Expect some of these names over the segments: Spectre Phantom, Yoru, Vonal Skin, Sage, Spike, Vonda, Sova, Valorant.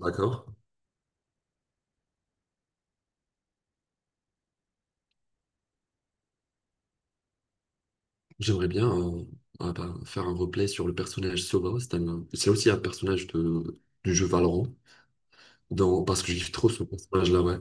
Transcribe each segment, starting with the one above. D'accord. J'aimerais bien faire un replay sur le personnage Sova. C'est aussi un personnage du jeu Valorant. Parce que j'ai trop ce personnage-là, ouais.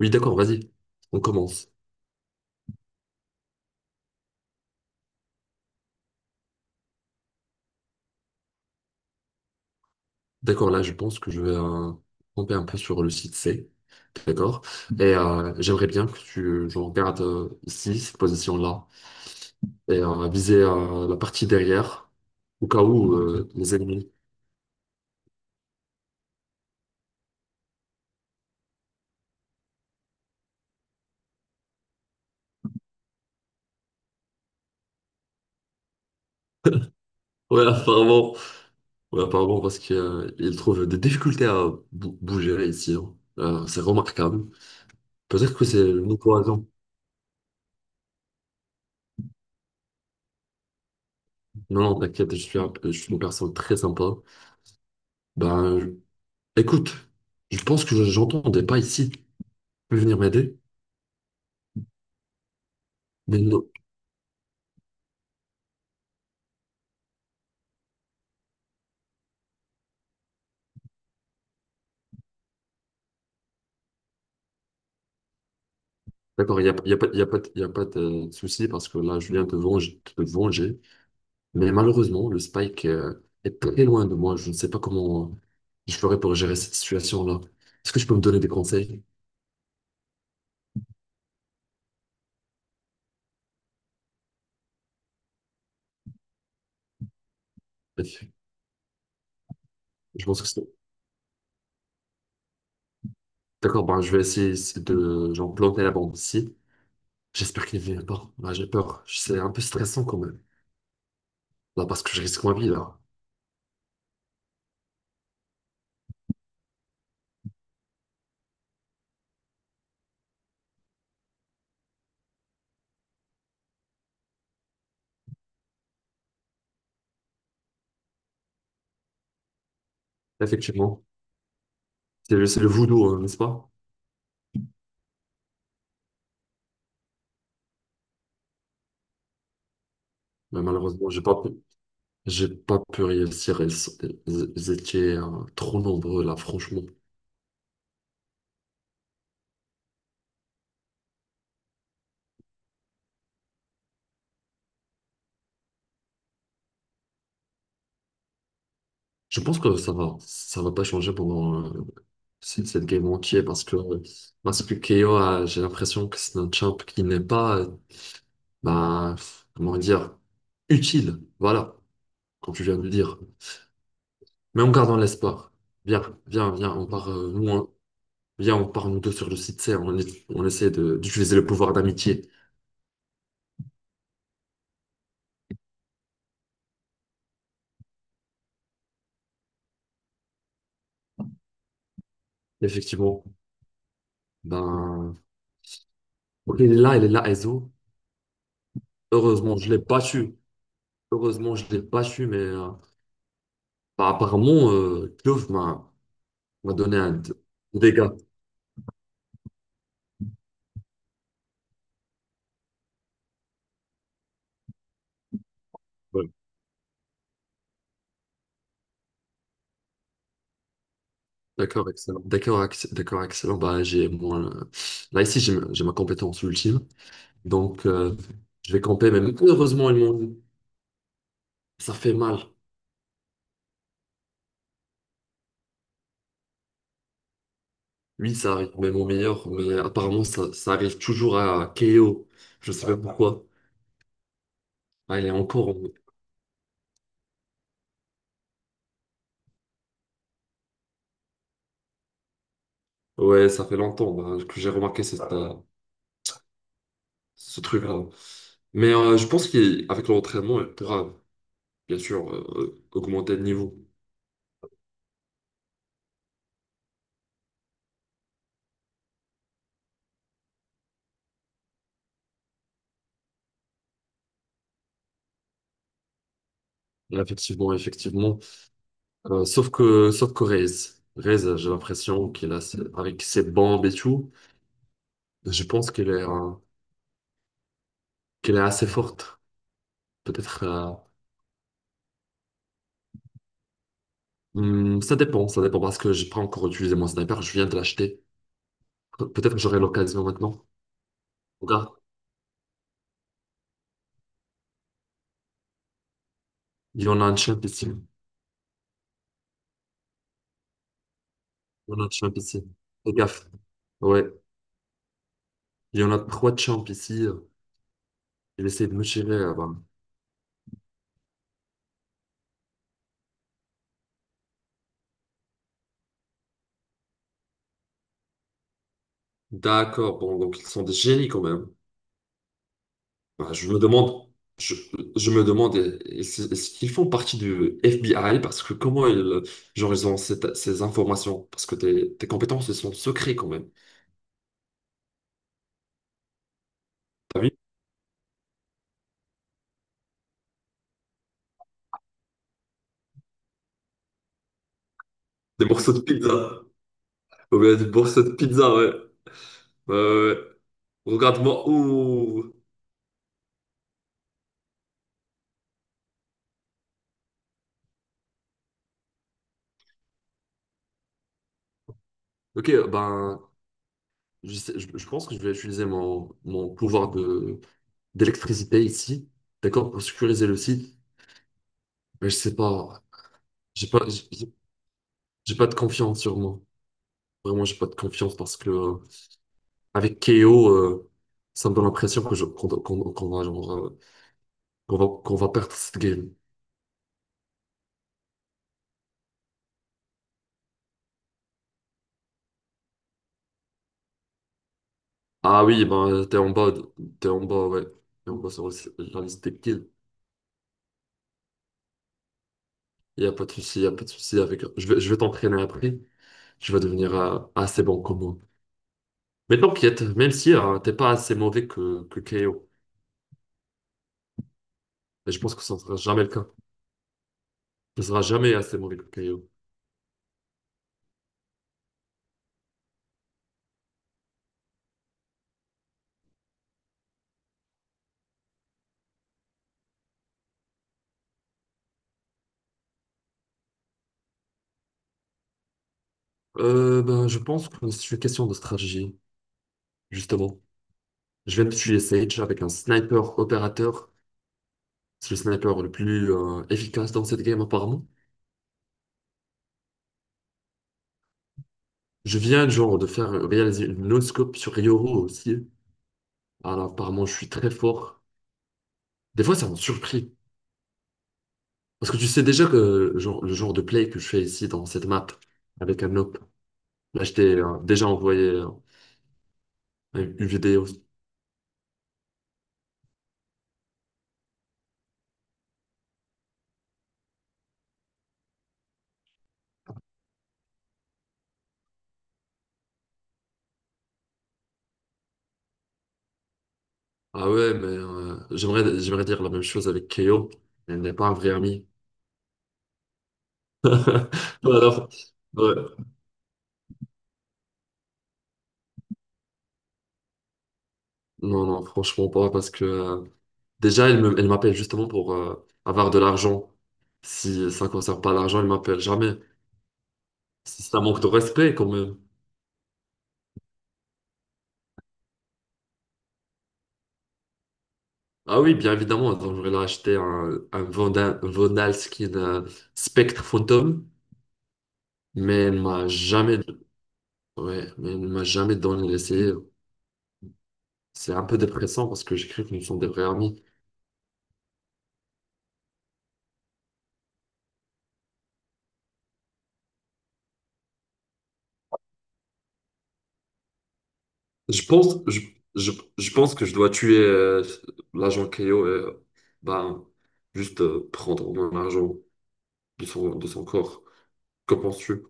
Oui, d'accord, vas-y. On commence. D'accord, là, je pense que je vais camper un peu sur le site C. D'accord. Et j'aimerais bien que tu je regarde ici, cette position-là. Et viser la partie derrière. Au cas où les ennemis. Ouais, apparemment. Ouais, apparemment, parce qu'il trouve des difficultés à bouger ici, hein. C'est remarquable. Peut-être que c'est une cohésion. Non, non, t'inquiète, je suis une personne très sympa. Ben, je- écoute, je pense que j'entendais pas ici. Tu peux venir m'aider? Mais non. D'accord, il n'y a, y a pas, de- y a pas de souci parce que là, je viens te venger, te venger. Mais malheureusement, le Spike est très loin de moi. Je ne sais pas comment je ferais pour gérer cette situation-là. Est-ce que je peux me donner des conseils? Je pense que c'est... D'accord, ben, je vais essayer de genre, planter la bombe ici. J'espère qu'il ne vient pas. Là, j'ai peur. C'est un peu stressant quand même. Là, parce que je risque ma vie, là. Effectivement. C'est le voodoo, hein, n'est-ce pas? Mais malheureusement, j'ai pas... J'ai pas pu réussir. Ils étaient trop nombreux là, franchement. Je pense que ça va pas changer pendant cette game entière parce que KO, j'ai l'impression que c'est un champ qui n'est pas, bah, comment dire, utile. Voilà, comme tu viens de le dire. Mais en gardant l'espoir. Viens, viens, on part, on part nous deux sur le site C. On essaie d'utiliser le pouvoir d'amitié. Effectivement, ben, ok, il est là, Ezo. Heureusement, je l'ai pas su. Heureusement, je l'ai pas su, mais apparemment, Klov m'a donné un dégât. Ouais. D'accord, excellent. D'accord, excellent. Là ici, j'ai ma compétence ultime, donc je vais camper. Mais heureusement, ils m'ont dit, ça fait mal. Oui, ça arrive, même au meilleur. Mais apparemment, ça arrive toujours à KO. Je sais pas pourquoi. Ah, il est encore Ouais, ça fait longtemps bah, que j'ai remarqué ce truc-là. Mais je pense qu'avec l'entraînement, il pourra bien sûr augmenter le niveau. Effectivement, effectivement. Sauf que Reyes, Reyes, j'ai l'impression qu'il a, avec ses bombes et tout, je pense qu'elle est assez forte. Peut-être, hmm, ça dépend parce que j'ai pas encore utilisé mon sniper, je viens de l'acheter. Peut-être que j'aurai l'occasion maintenant. Regarde, il y en a un champ ici. Il y en a un champ ici. Fais gaffe. Ouais, il y en a trois champs ici. Il essaie de me tirer, bah. D'accord, bon, donc ils sont des génies quand même. Bah, je me demande, je, je me demande, est-ce qu'ils font partie du FBI? Parce que comment ils, genre, ils ont ces informations? Parce que tes compétences, elles sont secrets quand même. T'as vu? Des morceaux de pizza. Ou bien des morceaux de pizza, ouais. Ouais, ouais, ouais. Regarde-moi. Ouh. Ok, ben, je pense que je vais utiliser mon pouvoir d'électricité ici, d'accord, pour sécuriser le site. Mais je sais pas, j'ai pas, j'ai pas de confiance sur moi. Vraiment, j'ai pas de confiance parce que avec KO, ça me donne l'impression que je qu'on qu'on- qu'on va genre, qu'on va perdre cette game. Ah oui, t'es en bas, ouais, t'es en bas sur la liste des kills. Il y a pas de souci, il y a pas de souci avec. Je vais t'entraîner après. Tu vas devenir assez bon comme moi. Mais t'inquiète, même si t'es pas assez mauvais que KO, et je pense que ça ne sera jamais le cas. Tu ne seras jamais assez mauvais que KO. Ben, je pense que c'est une question de stratégie, justement. Je vais me tuer Sage avec un sniper opérateur. C'est le sniper le plus efficace dans cette game apparemment. Je viens genre de faire réaliser une no-scope sur Yoru aussi. Alors apparemment je suis très fort. Des fois ça m'a surpris. Parce que tu sais déjà que genre, le genre de play que je fais ici dans cette map avec un op. Là je t'ai déjà envoyé une vidéo. Ah ouais mais j'aimerais dire la même chose avec KO. Elle n'est pas un vrai ami. Alors, ouais. Non, non, franchement pas, parce que déjà, elle m'appelle justement pour avoir de l'argent. Si ça ne concerne pas l'argent, elle m'appelle jamais. Si ça manque de respect, quand même. Ah oui, bien évidemment. Donc, j'aurais là acheté un Vonal Skin Spectre Phantom, mais elle m'a jamais, ouais, mais elle m'a jamais donné l'essayer. C'est un peu dépressant parce que j'ai cru que nous sommes des vrais amis. Je pense, je, je, je pense que je dois tuer l'agent Keo et ben, juste prendre mon argent de de son corps. Que penses-tu?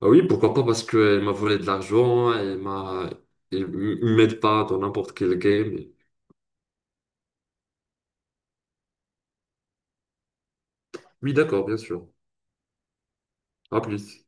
Ah oui, pourquoi pas, parce qu'elle m'a volé de l'argent, elle m'aide pas dans n'importe quel game. Oui, d'accord, bien sûr. À plus.